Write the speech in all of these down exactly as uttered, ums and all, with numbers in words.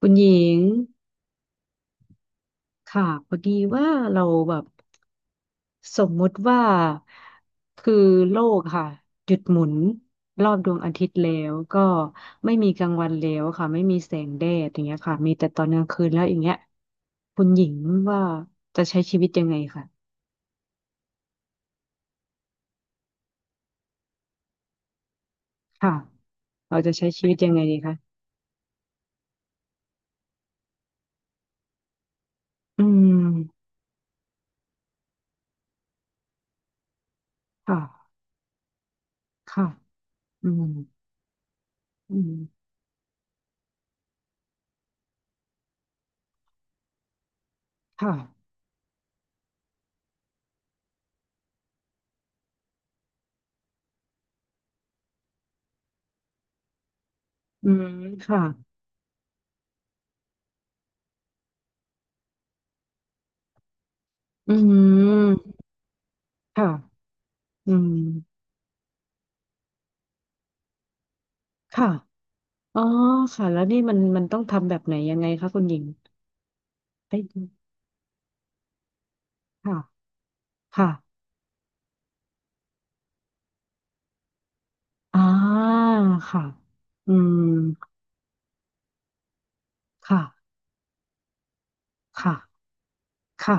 คุณหญิงค่ะพอดีว่าเราแบบสมมุติว่าคือโลกค่ะหยุดหมุนรอบดวงอาทิตย์แล้วก็ไม่มีกลางวันแล้วค่ะไม่มีแสงแดดอย่างเงี้ยค่ะมีแต่ตอนกลางคืนแล้วอย่างเงี้ยคุณหญิงว่าจะใช้ชีวิตยังไงค่ะค่ะเราจะใช้ชีวิตยังไงดีคะอืมค่ะค่ะอืมอืมค่ะอืมค่ะอืมค่ะอืมค่ะ อ๋อค่ะแล้วนี่มันมันต้องทำแบบไหนยังไงคะคุณหญิงไปดูค่ะค่ะอ่าค่ะอืมค่ะค่ะค่ะ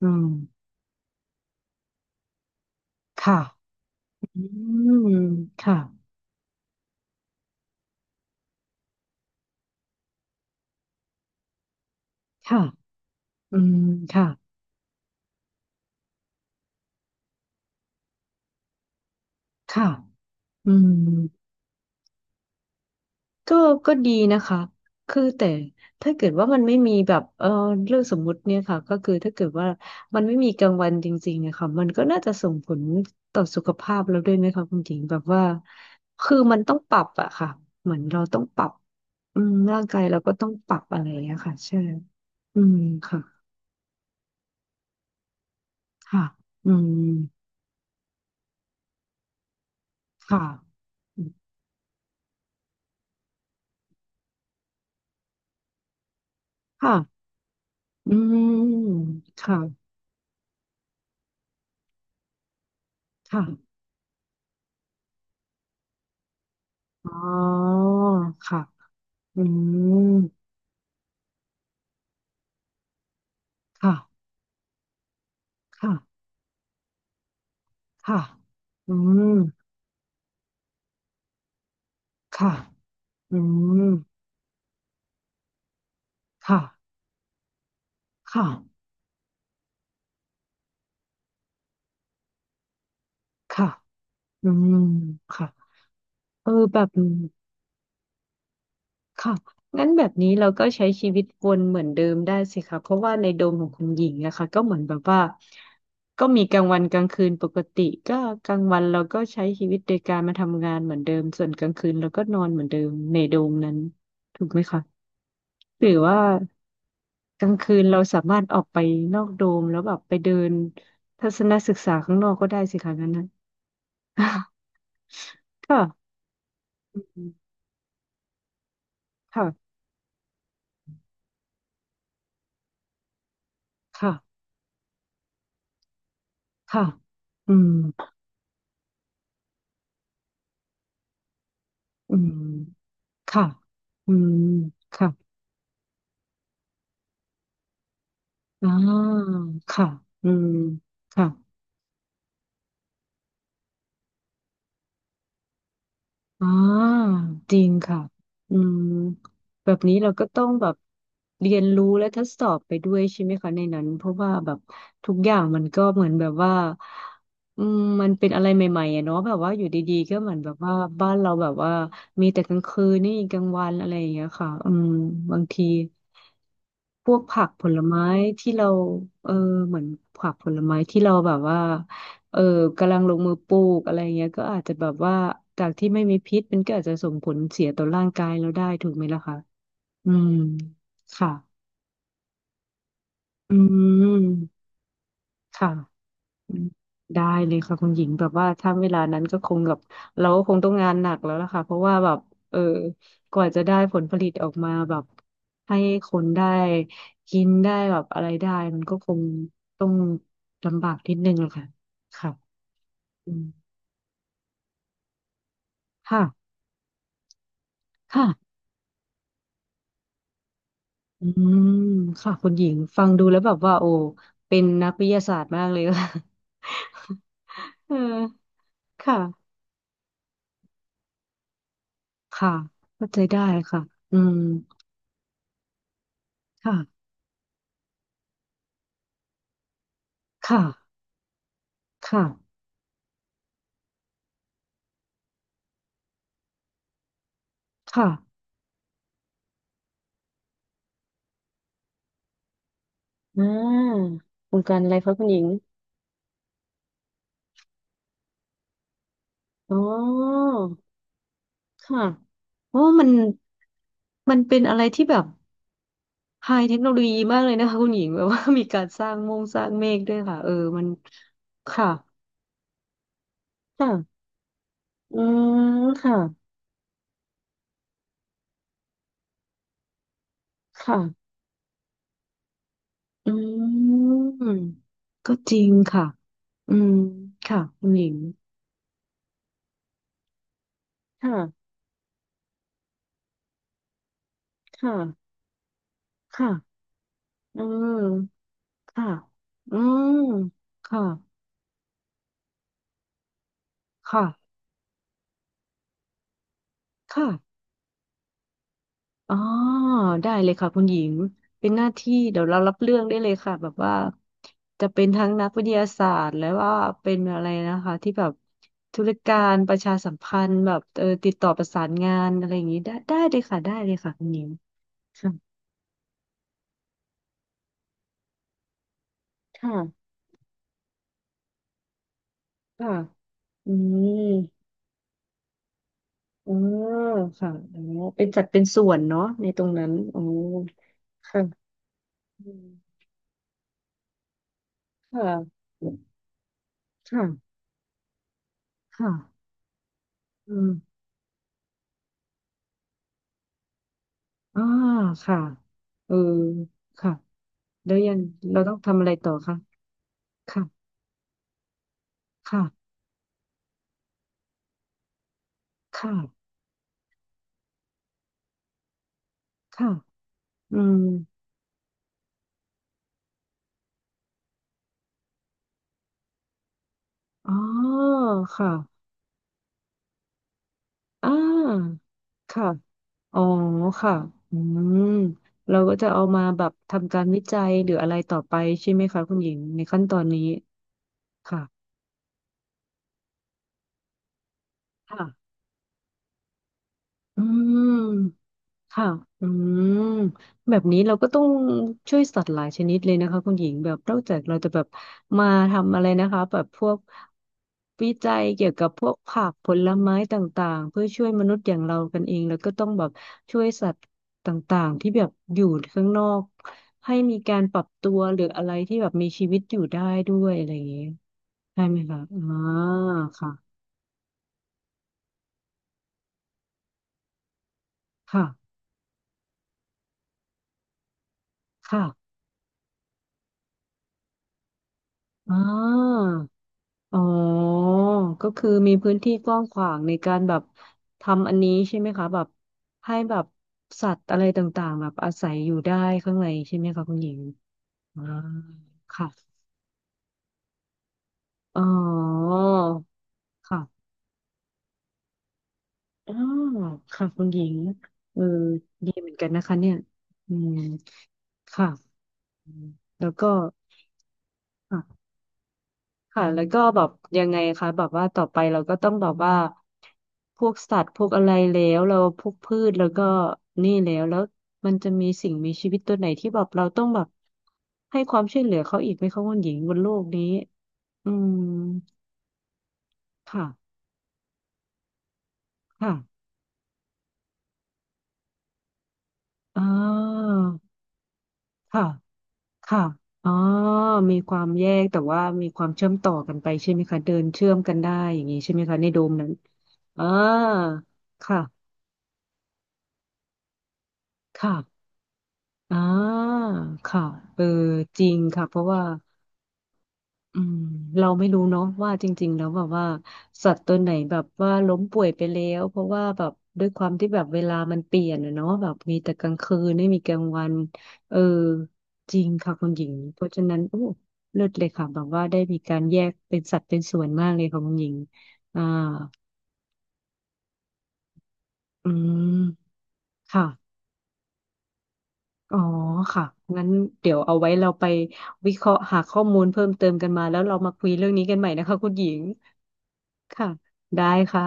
อืมค่ะอืมค่ะค่ะอืมค่ะค่ะอืม ก็ก็ดีนะคะคือแต่ถ้าเกิดว่ามันไม่มีแบบเออเรื่องสมมุติเนี่ยค่ะก็คือถ้าเกิดว่ามันไม่มีกลางวันจริงๆอะค่ะมันก็น่าจะส่งผลต่อสุขภาพเราด้วยไหมคะคุณหญิงแบบว่าคือมันต้องปรับอะค่ะเหมือนเราต้องปรับอืมร่างกายเราก็ต้องปรับอะไรอะี้ยค่ะใช่อืมค่ะค่ะอืมค่ะค่ะอืมค่ะค่ะอ๋อค่ะอืมค่ะค่ะ ค่ะอืมค่ะอืมค่ะค่ะค่ะอืมค่ะเออแบบนี้ค่ะงั้นแบบนี้เราก็ใช้ชีวิตวนเหมือนเดิมได้สิคะเพราะว่าในโดมของคุณหญิงนะคะก็เหมือนแบบว่าก็มีกลางวันกลางคืนปกติก็กลางวันเราก็ใช้ชีวิตโดยการมาทำงานเหมือนเดิมส่วนกลางคืนเราก็นอนเหมือนเดิมในโดมนั้นถูกไหมคะ หรือว่ากลางคืนเราสามารถออกไปนอกโดมแล้วแบบไปเดินทัศนศึกษาข้างนอกก็ได้สิคะนั้นนะ ค่ะอืมค่ะค่ะค่ะอืมอืมค่ะอืมค่ะอ่าค่ะอืมค่ะ อ่าจริงค่ะอืมแบบนี้เราก็ต้องแบบเรียนรู้และทดสอบไปด้วยใช่ไหมคะในนั้นเพราะว่าแบบทุกอย่างมันก็เหมือนแบบว่าอืมมันเป็นอะไรใหม่ๆอะเนาะแบบว่าอยู่ดีๆก็เหมือนแบบว่าบ้านเราแบบว่ามีแต่กลางคืนนี่กลางวันอะไรอย่างเงี้ยค่ะอืมบางทีพวกผักผลไม้ที่เราเออเหมือนผักผลไม้ที่เราแบบว่า เออกำลังลงมือปลูกอะไรเงี้ยก็อาจจะแบบว่าจากที่ไม่มีพิษมันก็อาจจะส่งผลเสียต่อร่างกายเราได้ถูกไหมล่ะคะอืมค่ะอืมค่ะอืมได้เลยค่ะคุณหญิงแบบว่าถ้าเวลานั้นก็คงแบบเราก็คงต้องงานหนักแล้วล่ะค่ะเพราะว่าแบบเออกว่าจะได้ผลผลิตออกมาแบบให้คนได้กินได้แบบอะไรได้มันก็คงต้องลำบากนิดนึงแหละค่ะค่ะอืมค่ะค่ะ อืมค่ะคุณหญิงฟังดูแล้วแบบว่าโอ้เป็นนักวิทยาศาสตร์มากเลย ค่ะ เออค่ะค่ะเข้าใจได้ค่ะอืมค่ะค่ะค่ะค่ะอ่าโครงการอะไรคะคุณหญิงอ๋อค่ะโอ้มันมันเป็นอะไรที่แบบไฮเทคโนโลยีมากเลยนะคะคุณหญิงแบบว่ามีการสร้างมงสร้างเมฆด้วยค่ะเออมันค่ะค่ะอืมค่ะค่ะ อืมก็จริงค่ะอืมค่ะคุณหญิงค่ะค่ะค่ะอืมค่ะอืมค่ะค่ะค่ะอ๋อได้เลยค่ะคุณหญิงเป็นหน้าที่เดี๋ยวเรารับเรื่องได้เลยค่ะแบบว่าจะเป็นทั้งนักวิทยาศาสตร์แล้วว่าเป็นอะไรนะคะที่แบบธุรการประชาสัมพันธ์แบบเออติดต่อประสานงานอะไรอย่างนี้ได้ได้เลยค่ะได้เลยค่ะคุณหญิงค่ะค่ะ ค่ะ อืมอ๋อค่ะอ๋อเป็นจัดเป็นส่วนเนาะในตรงนั้นอ๋อค่ะอืมค่ะค่ะค่ะอืมอ่าค่ะเออค่ะแล้วยัง เราต้องทำอะไรต่อคะค่ะ ค่ะ ค่ะ ค่ะ อืมอ๋อ ค่ะ อ่าค่ะ อ๋อค่ะอืมเราก็จะเอามาแบบทำการวิจัยหรืออะไรต่อไปใช่ไหมคะคุณหญิงในขั้นตอนนี้ค่ะค่ะอืม ค่ะอืมแบบนี้เราก็ต้องช่วยสัตว์หลายชนิดเลยนะคะคุณหญิงแบบนอกจากเราจะแบบมาทำอะไรนะคะแบบพวกวิจัยเกี่ยวกับพวกผักผลไม้ต่างๆเพื่อช่วยมนุษย์อย่างเรากันเองแล้วก็ต้องแบบช่วยสัตว์ต่างๆที่แบบอยู่ข้างนอกให้มีการปรับตัวหรืออะไรที่แบบมีชีวิตอยู่ได้ด้วยอะไรอย่างเงี้ยใช่ไหมคะอ่าค่ะค่ะค่ะอ่า อ๋อก็คือมีพื้นที่กว้างขวางในการแบบทำอันนี้ใช่ไหมคะแบบให้แบบสัตว์อะไรต่างๆแบบอาศัยอยู่ได้ข้างในใช่ไหมคะคุณหญิงอ่าค่ะอ๋อค่ะอ๋อค่ะคุณหญิงเออดีเหมือนกันนะคะเนี่ยอืมค่ะอืมแล้วก็ ค่ะแล้วก็แบบยังไงคะแบบว่าต่อไปเราก็ต้องแบบว่าพวกสัตว์พวกอะไรแล้วเราพวกพืชแล้วก็นี่แล้วแล้วมันจะมีสิ่งมีชีวิตตัวไหนที่แบบเราต้องแบบให้ความช่วยเหลือเขาอีกไหมคะคุณหญิงบนโลกนี้อืมค่ะค่ะอ่าค่ะค่ะอ๋อมีความแยกแต่ว่ามีความเชื่อมต่อกันไปใช่ไหมคะเดินเชื่อมกันได้อย่างนี้ใช่ไหมคะในโดมนั้นอ่าค่ะค่ะ อ่าค่ะเออจริงค่ะ เพราะว่าอืมเราไม่รู้เนาะว่าจริงๆแล้วแบบว่า สัตว์ตัวไหนแบบว่าล้มป่วยไปแล้ว เพราะว่าแบบด้วยความที่แบบเวลามันเปลี่ยนอะเนาะแบบมีแต่กลางคืนไม่มีกลางวันเออจริงค่ะคุณหญิงเพราะฉะนั้นโอ้เลิศเลยค่ะแบบว่าได้มีการแยกเป็นสัตว์เป็นส่วนมากเลยค่ะคุณหญิงอ่าอืมค่ะ อ๋อค่ะงั้นเดี๋ยวเอาไว้เราไปวิเคราะห์หาข้อมูลเพิ่มเติมกันมาแล้วเรามาคุยเรื่องนี้กันใหม่นะคะคุณหญิงค่ะได้ค่ะ